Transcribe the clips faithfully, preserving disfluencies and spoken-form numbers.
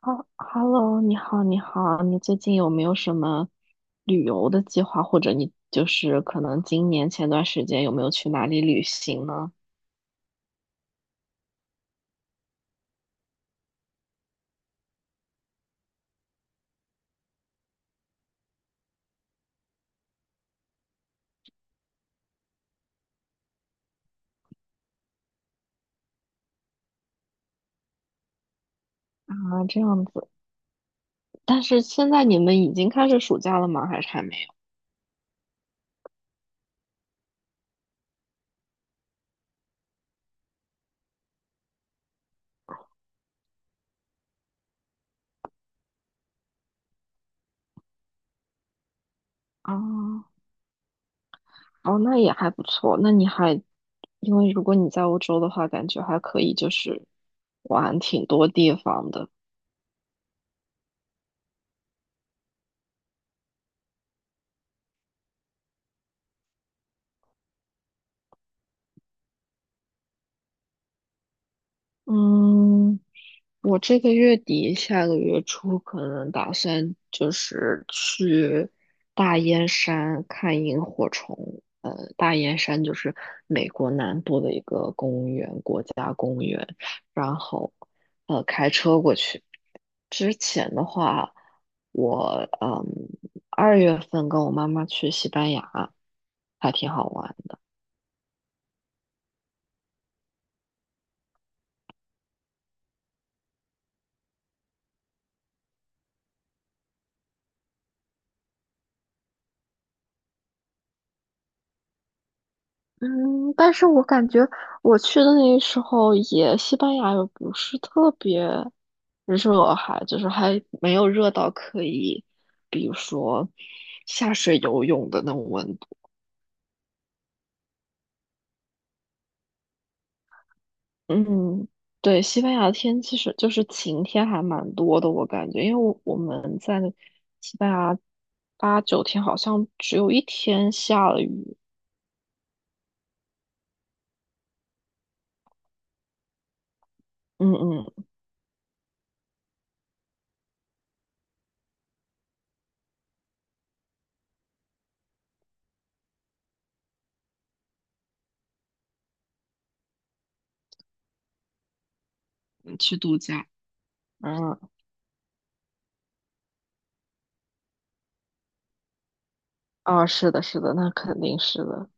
哈，Hello，你好，你好，你最近有没有什么旅游的计划，或者你就是可能今年前段时间有没有去哪里旅行呢？啊，这样子，但是现在你们已经开始暑假了吗？还是还没有？啊，哦，那也还不错，那你还，因为如果你在欧洲的话，感觉还可以，就是玩挺多地方的。嗯，我这个月底下个月初可能打算就是去大燕山看萤火虫。呃，大燕山就是美国南部的一个公园，国家公园。然后，呃，开车过去。之前的话，我嗯二月份跟我妈妈去西班牙，还挺好玩。嗯，但是我感觉我去的那时候也西班牙也不是特别。只是我还就是还没有热到可以，比如说下水游泳的那种温度。嗯，对，西班牙的天气是就是晴天还蛮多的，我感觉，因为我我们在西班牙八九天好像只有一天下了雨。嗯嗯，嗯去度假。嗯啊，是的，是的，那肯定是的。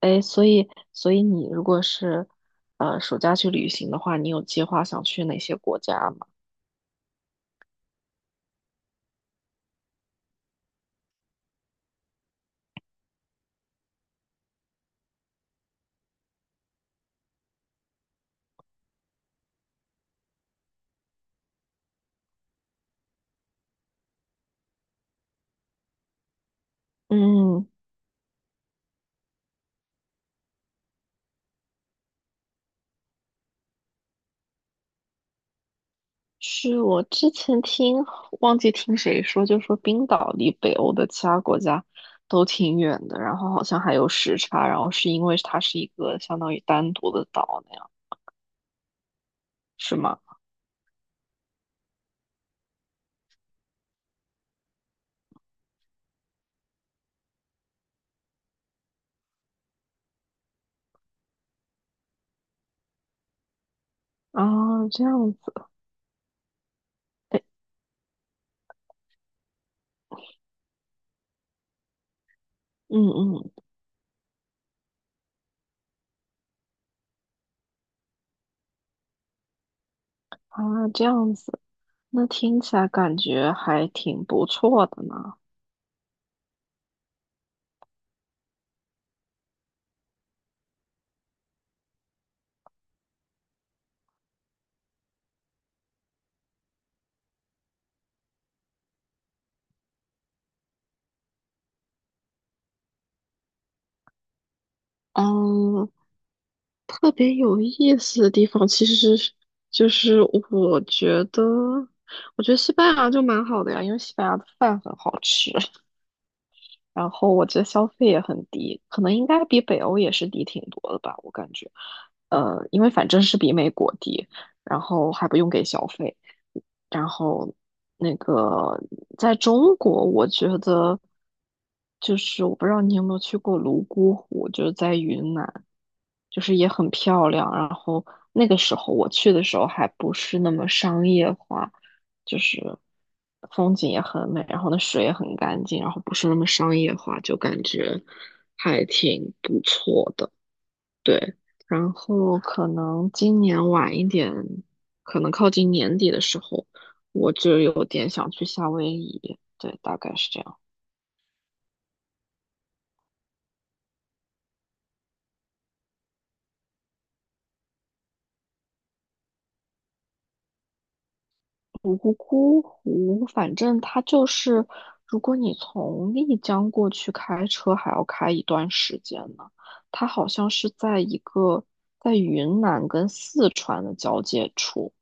哎，所以所以你如果是呃暑假去旅行的话，你有计划想去哪些国家吗？嗯。是我之前听，忘记听谁说，就说冰岛离北欧的其他国家都挺远的，然后好像还有时差，然后是因为它是一个相当于单独的岛那样，是吗？啊，这样子，哎，嗯嗯，啊，这样子，那听起来感觉还挺不错的呢。嗯，特别有意思的地方，其实是就是我觉得，我觉得西班牙就蛮好的呀，因为西班牙的饭很好吃。然后我觉得消费也很低，可能应该比北欧也是低挺多的吧，我感觉，呃，因为反正是比美国低，然后还不用给小费，然后那个在中国，我觉得就是我不知道你有没有去过泸沽湖，就是在云南。就是也很漂亮。然后那个时候我去的时候还不是那么商业化，就是风景也很美，然后那水也很干净，然后不是那么商业化，就感觉还挺不错的。对，然后可能今年晚一点，可能靠近年底的时候，我就有点想去夏威夷。对，大概是这样。泸沽沽湖，反正它就是，如果你从丽江过去开车，还要开一段时间呢。它好像是在一个在云南跟四川的交界处，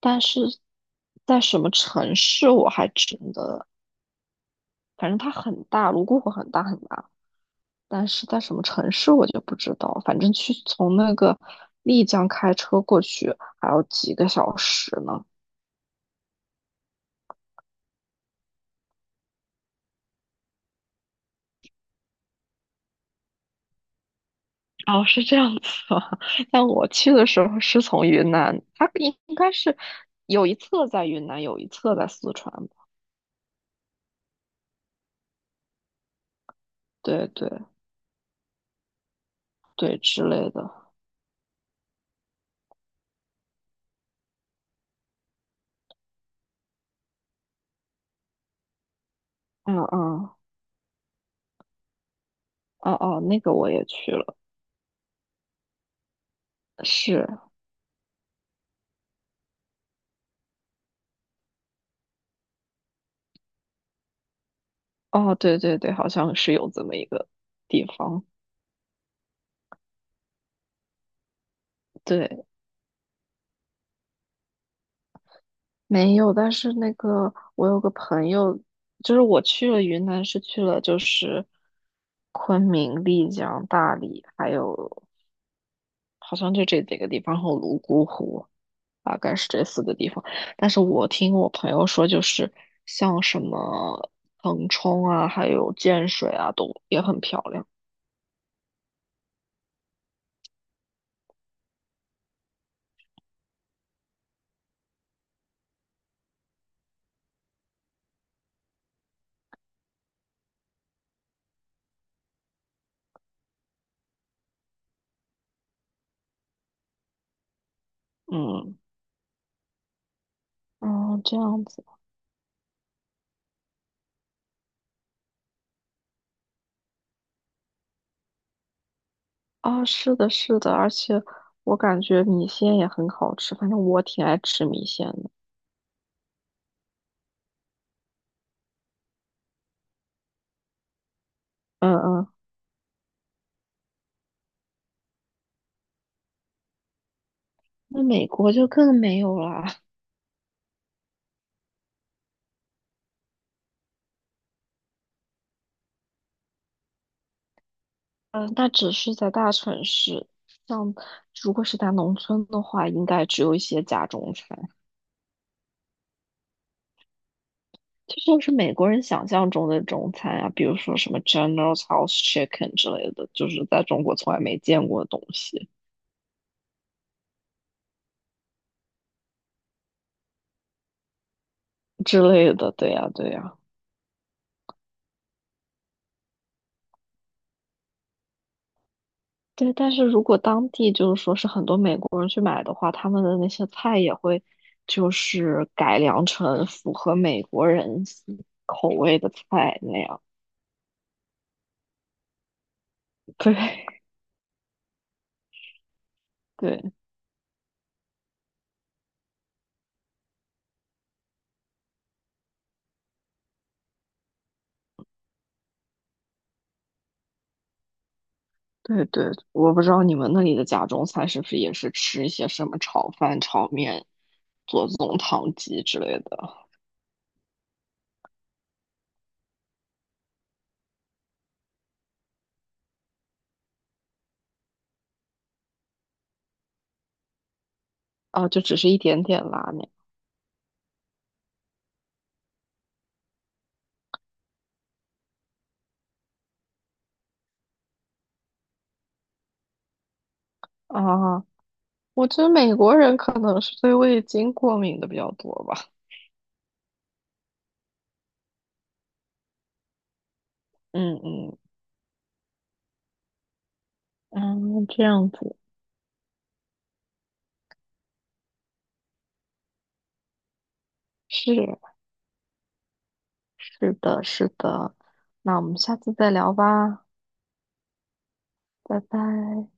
但是在什么城市我还真的，反正它很大，泸沽湖很大很大，但是在什么城市我就不知道。反正去从那个丽江开车过去还要几个小时呢。哦，是这样子啊。但我去的时候是从云南，它应应该是有一侧在云南，有一侧在四川吧对对对，之类的。嗯嗯，哦哦，那个我也去了。是，哦对对对，好像是有这么一个地方。对，没有，但是那个我有个朋友，就是我去了云南，是去了就是昆明、丽江、大理，还有好像就这几个地方，和泸沽湖。大概是这四个地方。但是我听我朋友说，就是像什么腾冲啊，还有建水啊，都也很漂亮。嗯嗯，这样子啊，是的，是的，而且我感觉米线也很好吃，反正我挺爱吃米线的。嗯嗯，那美国就更没有啦。嗯，那只是在大城市，像如果是在农村的话，应该只有一些家中餐。这就是美国人想象中的中餐啊，比如说什么 General House Chicken 之类的，就是在中国从来没见过的东西之类的。对呀，对呀，对。但是如果当地就是说是很多美国人去买的话，他们的那些菜也会就是改良成符合美国人口味的菜那样。对，对，对，对。我不知道你们那里的家中菜是不是也是吃一些什么炒饭、炒面、左宗棠鸡之类的。啊，就只是一点点拉面啊。我觉得美国人可能是对味精过敏的比较多吧。嗯嗯嗯，这样子是是的，是的。那我们下次再聊吧，拜拜。